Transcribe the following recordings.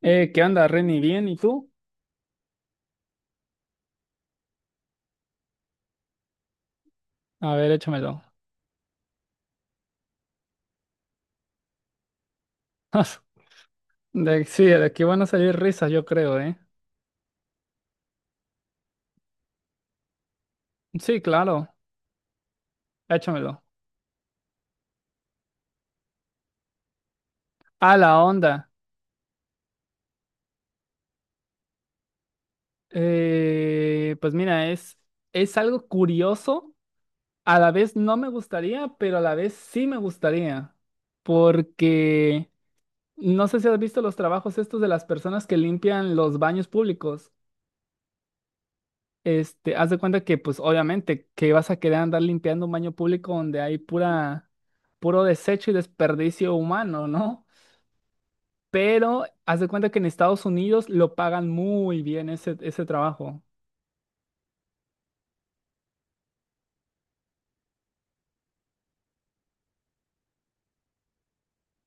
¿Qué onda, Reni? ¿Bien? ¿Y tú? A ver, échamelo. Sí, de aquí van a salir risas, yo creo, ¿eh? Sí, claro, échamelo. A la onda. Pues mira, es algo curioso. A la vez no me gustaría, pero a la vez sí me gustaría. Porque no sé si has visto los trabajos estos de las personas que limpian los baños públicos. Este, haz de cuenta que, pues, obviamente, que vas a querer andar limpiando un baño público donde hay puro desecho y desperdicio humano, ¿no? Pero haz de cuenta que en Estados Unidos lo pagan muy bien ese trabajo.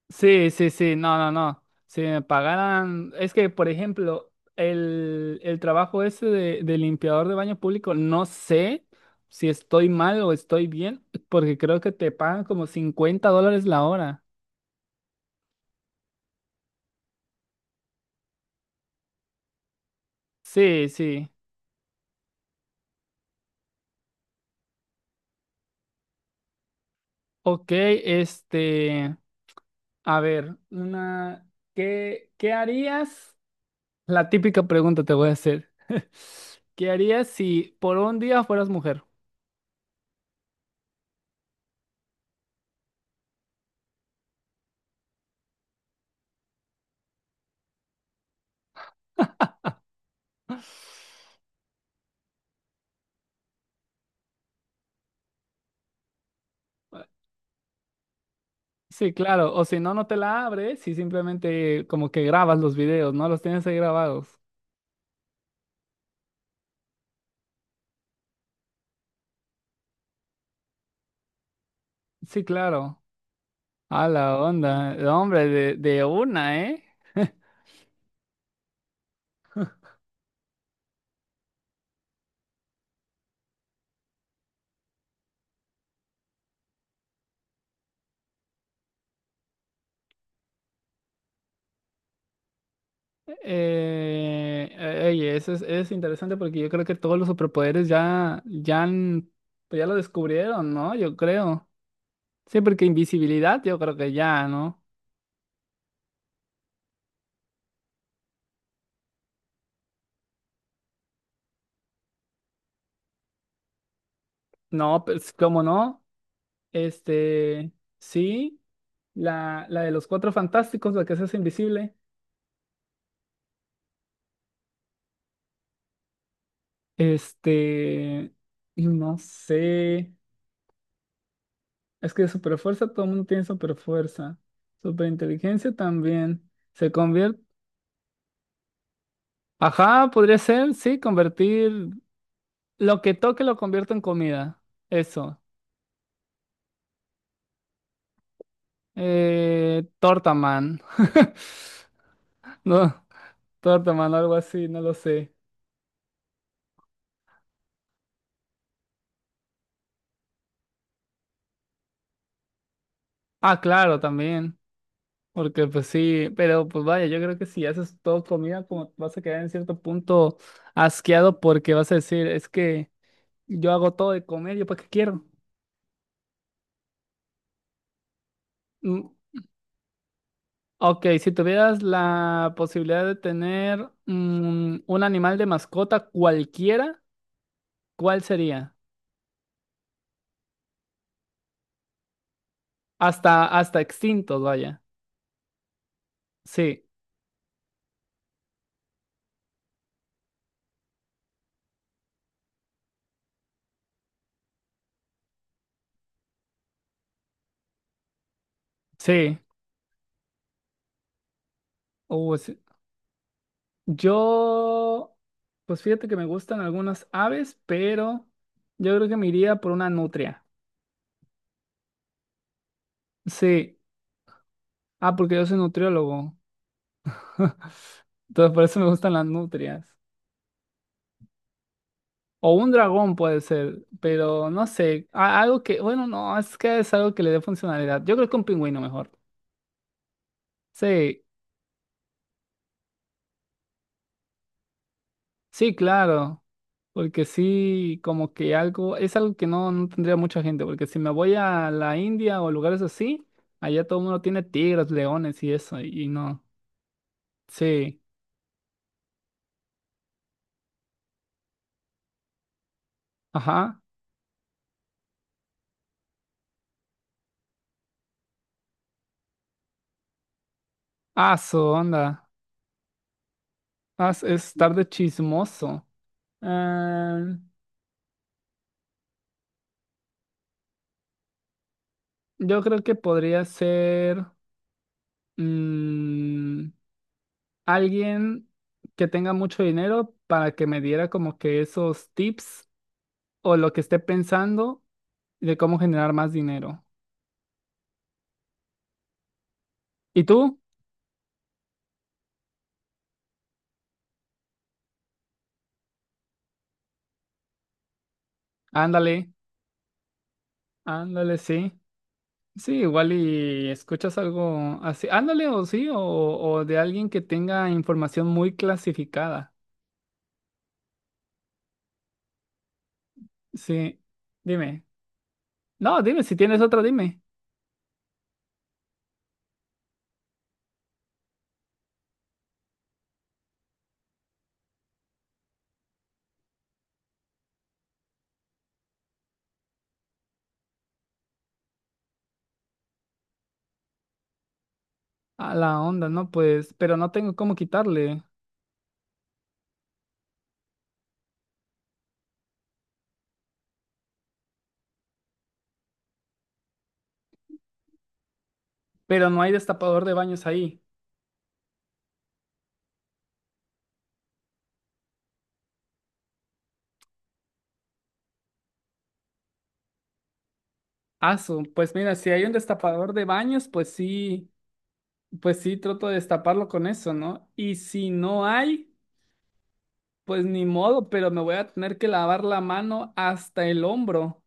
Sí, sí, sí, no, no, no. Si me pagaran, es que, por ejemplo, el trabajo ese de limpiador de baño público, no sé si estoy mal o estoy bien, porque creo que te pagan como 50 dólares la hora. Sí, sí. Ok, este, a ver, una, ¿ qué harías? La típica pregunta te voy a hacer. ¿Qué harías si por un día fueras mujer? Sí, claro, o si no, no te la abres y simplemente como que grabas los videos, ¿no? Los tienes ahí grabados. Sí, claro. A la onda, hombre, de una, ¿eh? Oye, es interesante porque yo creo que todos los superpoderes ya, han- pues ya lo descubrieron, ¿no? Yo creo. Sí, porque invisibilidad yo creo que ya, ¿no? No, pues, ¿cómo no? Este, sí, la de los cuatro fantásticos, la que se hace invisible. Este, y no sé, es que super fuerza, todo el mundo tiene super fuerza. Super inteligencia también. Se convierte, ajá, podría ser, sí, convertir lo que toque lo convierto en comida. Eso. Tortaman. No, Tortaman, algo así, no lo sé. Ah, claro, también. Porque pues sí, pero pues vaya, yo creo que si haces todo comida, como vas a quedar en cierto punto asqueado porque vas a decir, es que yo hago todo de comer, ¿yo para qué quiero? Mm, ok, si tuvieras la posibilidad de tener mm, un animal de mascota cualquiera, ¿cuál sería? Hasta, hasta extintos, vaya. Sí, sí. Sí. Yo, pues fíjate que me gustan algunas aves, pero yo creo que me iría por una nutria. Sí. Ah, porque yo soy nutriólogo. Entonces por eso me gustan las nutrias. O un dragón puede ser, pero no sé. A- Algo que, bueno, no, es que es algo que le dé funcionalidad. Yo creo que un pingüino mejor. Sí, sí, claro. Porque sí, como que algo, es algo que no, no tendría mucha gente, porque si me voy a la India o lugares así, allá todo el mundo tiene tigres, leones y eso, y no. Sí, ajá. Ah, su onda. Ah, es estar de chismoso. Ah, yo creo que podría ser mm, alguien que tenga mucho dinero para que me diera como que esos tips o lo que esté pensando de cómo generar más dinero. ¿Y tú? Ándale, ándale, sí. Sí, igual y escuchas algo así. Ándale, o sí, o de alguien que tenga información muy clasificada. Sí, dime. No, dime, si tienes otra, dime. A la onda, no, pues, pero no tengo cómo quitarle. Pero no hay destapador de baños ahí. Asu, pues mira, si hay un destapador de baños, pues sí, trato de destaparlo con eso, ¿no? Y si no hay, pues ni modo, pero me voy a tener que lavar la mano hasta el hombro.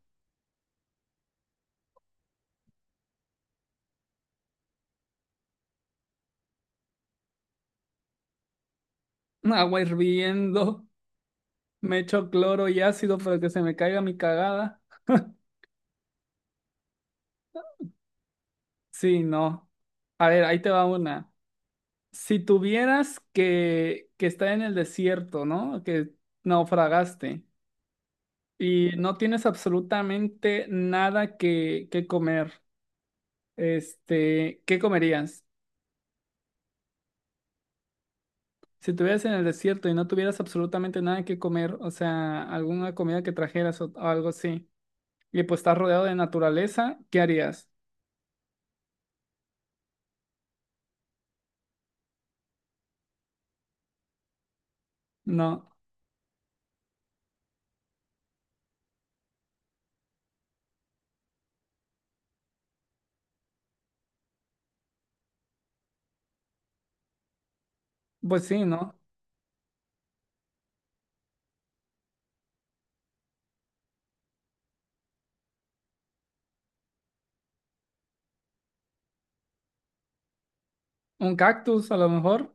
Agua hirviendo, me echo cloro y ácido para que se me caiga mi cagada. Sí, no. A ver, ahí te va una. Si tuvieras que estar en el desierto, ¿no? Que naufragaste y no tienes absolutamente nada que comer, este, ¿qué comerías? Si estuvieras en el desierto y no tuvieras absolutamente nada que comer, o sea, alguna comida que trajeras o algo así, y pues estás rodeado de naturaleza, ¿qué harías? No. Pues sí, ¿no? Un cactus a lo mejor.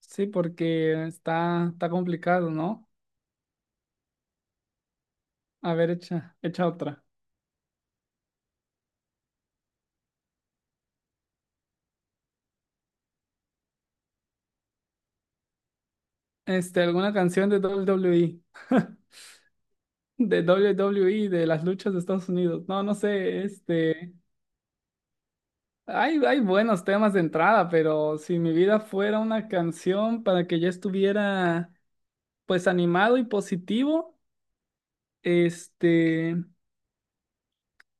Sí, porque está, está complicado, ¿no? A ver, echa, echa otra. Este, alguna canción de WWE. De WWE, de las luchas de Estados Unidos. No, no sé, este. Hay buenos temas de entrada, pero si mi vida fuera una canción para que yo estuviera, pues, animado y positivo, este.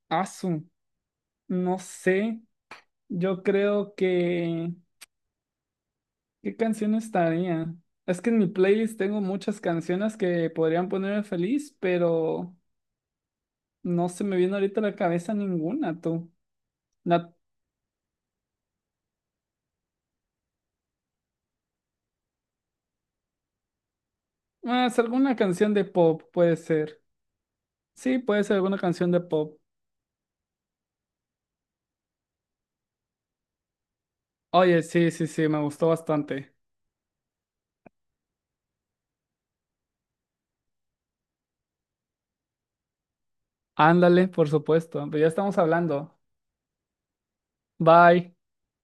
Asu, no sé. Yo creo que. ¿Qué canción estaría? Es que en mi playlist tengo muchas canciones que podrían ponerme feliz, pero no se me viene ahorita a la cabeza ninguna, tú. La... ah, es alguna canción de pop, puede ser. Sí, puede ser alguna canción de pop. Oye, sí, sí, sí, me gustó bastante. Ándale, por supuesto, pero ya estamos hablando. Bye.